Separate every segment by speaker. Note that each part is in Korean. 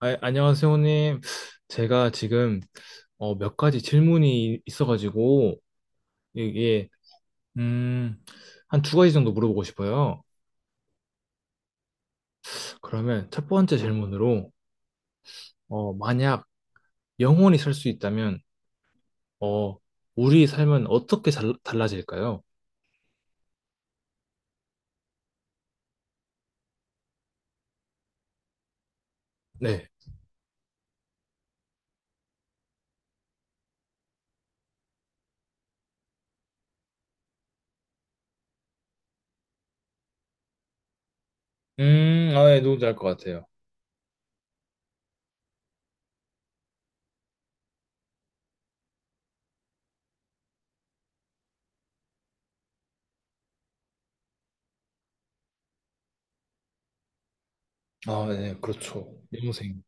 Speaker 1: 아, 안녕하세요, 형님. 제가 지금 몇 가지 질문이 있어가지고 이게 음, 한 두 가지 정도 물어보고 싶어요. 그러면 첫 번째 질문으로 만약 영원히 살 수 있다면 어, 우리 삶은 어떻게 달라질까요? 네. 아, 네, 누군지 알 것 같아요. 아, 네, 그렇죠. 영생.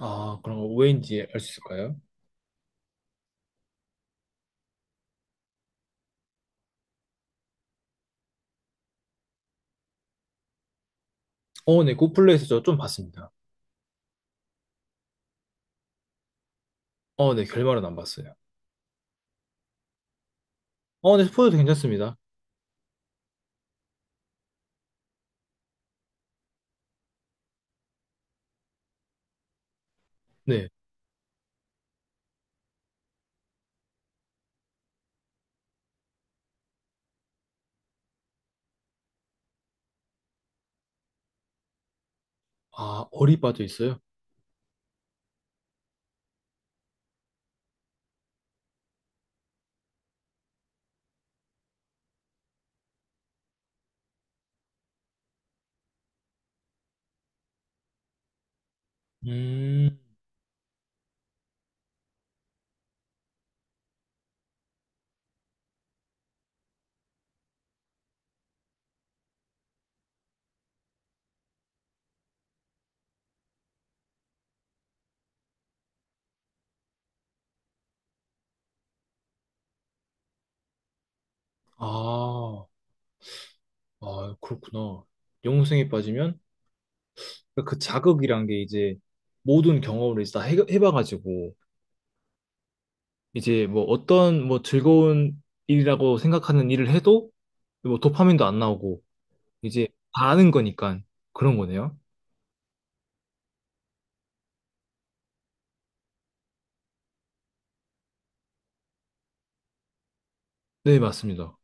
Speaker 1: 아, 그럼 왜인지 알 수 있을까요? 네, 굿플레이스 저 좀 봤습니다. 네, 결말은 안 봤어요. 네, 스포도 괜찮습니다. 네. 아, 어리바도 있어요? 음, 아, 아, 그렇구나. 영웅생에 빠지면 그 자극이란 게 이제 모든 경험을 이제 다 해봐가지고 이제 뭐 어떤 뭐 즐거운 일이라고 생각하는 일을 해도 뭐 도파민도 안 나오고 이제 다 아는 거니까 그런 거네요. 네, 맞습니다.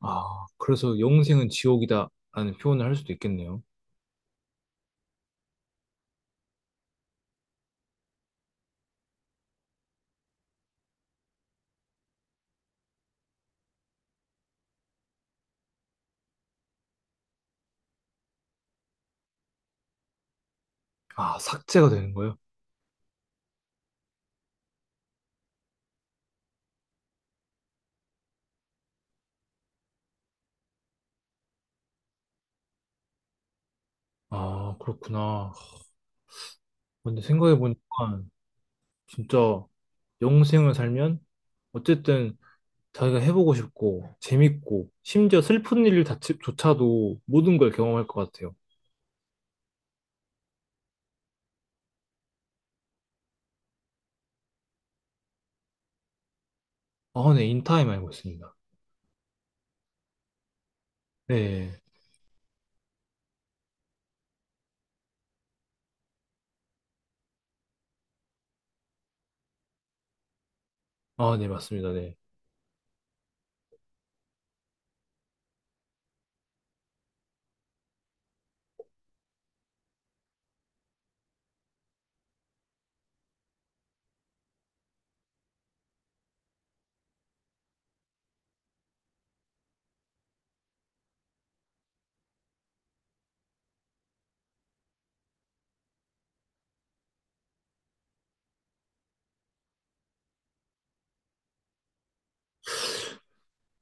Speaker 1: 아, 그래서 영생은 지옥이다라는 표현을 할 수도 있겠네요. 아, 삭제가 되는 거예요? 아, 그렇구나. 근데 생각해보니까 진짜 영생을 살면 어쨌든 자기가 해보고 싶고 재밌고 심지어 슬픈 일 자체조차도 모든 걸 경험할 것 같아요. 아, 네, 인타임 알고 있습니다. 네, 아, 네, 맞습니다. 네,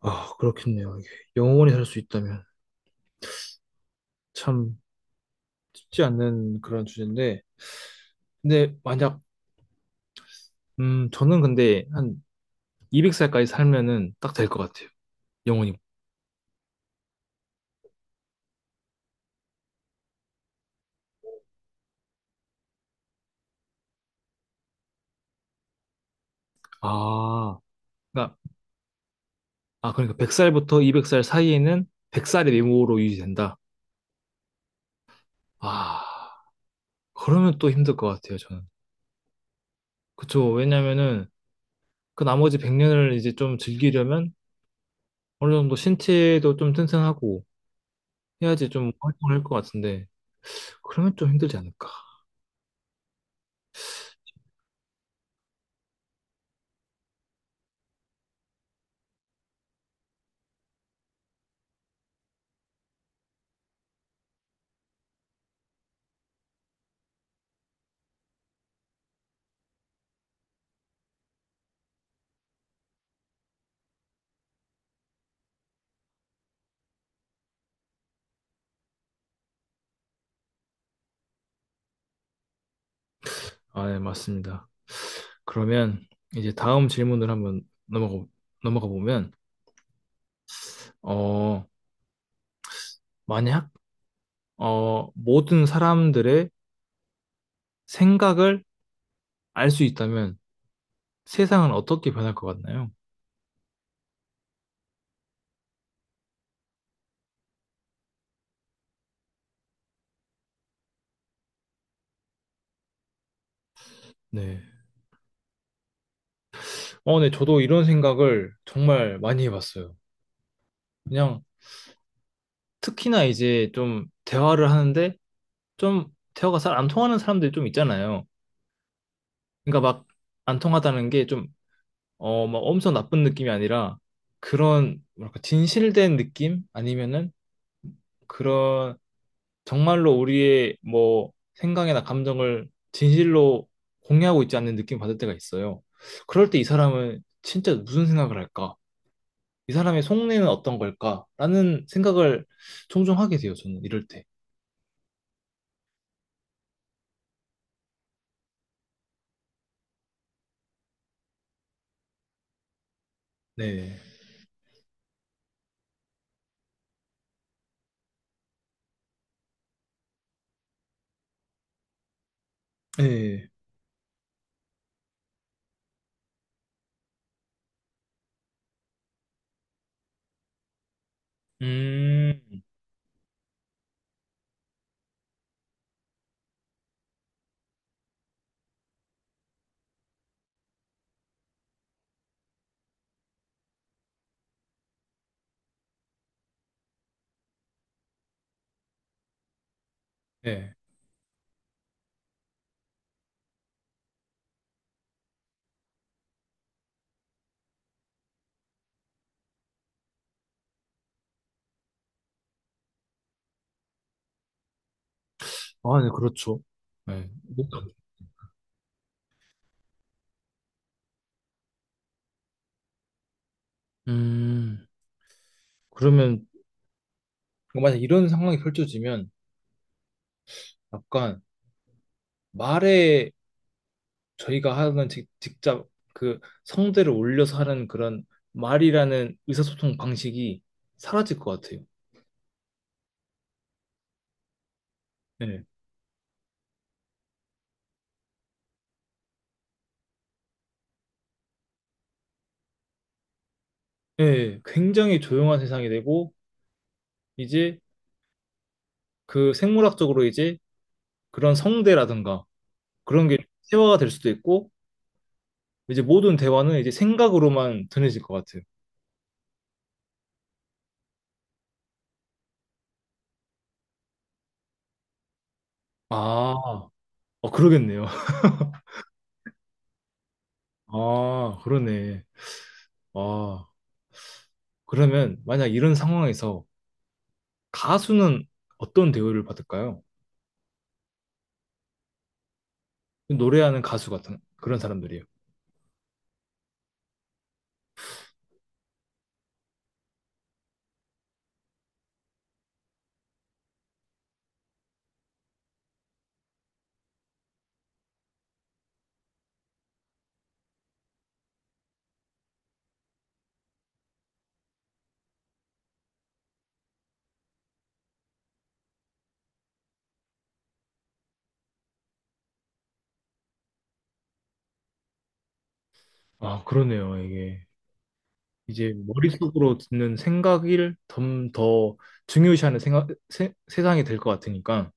Speaker 1: 아, 그렇겠네요. 이게 영원히 살 수 있다면 참 쉽지 않는 그런 주제인데, 근데 만약 저는 근데 한 200살까지 살면은 딱 될 것 같아요. 영원히 아, 그러니까 아 그러니까 100살부터 200살 사이에는 100살의 미모로 유지된다. 아, 그러면 또 힘들 것 같아요, 저는. 그쵸. 왜냐면은 그 나머지 100년을 이제 좀 즐기려면 어느 정도 신체도 좀 튼튼하고 해야지 좀 활동을 할 것 같은데, 그러면 좀 힘들지 않을까. 아, 네, 맞습니다. 그러면 이제 다음 질문을 한번 넘어가 보면, 어, 만약, 모든 사람들의 생각을 알 수 있다면 세상은 어떻게 변할 것 같나요? 네. 네, 저도 이런 생각을 정말 많이 해봤어요. 그냥 특히나 이제 좀 대화를 하는데 좀 대화가 잘 안 통하는 사람들이 좀 있잖아요. 그러니까 막 안 통하다는 게 좀, 막 엄청 나쁜 느낌이 아니라 그런, 뭐랄까, 진실된 느낌? 아니면은 그런 정말로 우리의 뭐 생각이나 감정을 진실로 공유하고 있지 않는 느낌 받을 때가 있어요. 그럴 때 이 사람은 진짜 무슨 생각을 할까? 이 사람의 속내는 어떤 걸까? 라는 생각을 종종 하게 돼요, 저는 이럴 때. 네. 네. 음, 네. 아, 네, 그렇죠. 네. 음, 그러면 만약 이런 상황이 펼쳐지면 약간 말에 저희가 하는 직접 그 성대를 올려서 하는 그런 말이라는 의사소통 방식이 사라질 것 같아요. 네. 네, 굉장히 조용한 세상이 되고 이제 그 생물학적으로 이제 그런 성대라든가 그런 게 세화가 될 수도 있고 이제 모든 대화는 이제 생각으로만 전해질 것 같아요. 아, 그러겠네요. 아, 그러네. 아, 그러면 만약 이런 상황에서 가수는 어떤 대우를 받을까요? 노래하는 가수 같은 그런 사람들이에요. 아, 그러네요. 이게 이제 머릿속으로 듣는 생각을 좀 더 중요시하는 생각, 세상이 될 것 같으니까.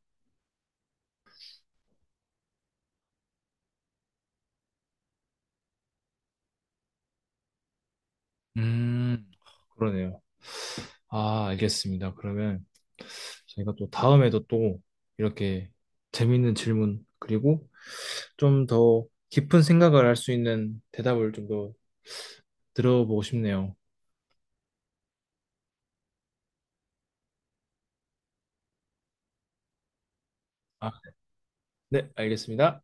Speaker 1: 음, 그러네요. 아, 알겠습니다. 그러면 저희가 또 다음에도 또 이렇게 재밌는 질문 그리고 좀 더 깊은 생각을 할 수 있는 대답을 좀 더 들어보고 싶네요. 아, 네, 알겠습니다.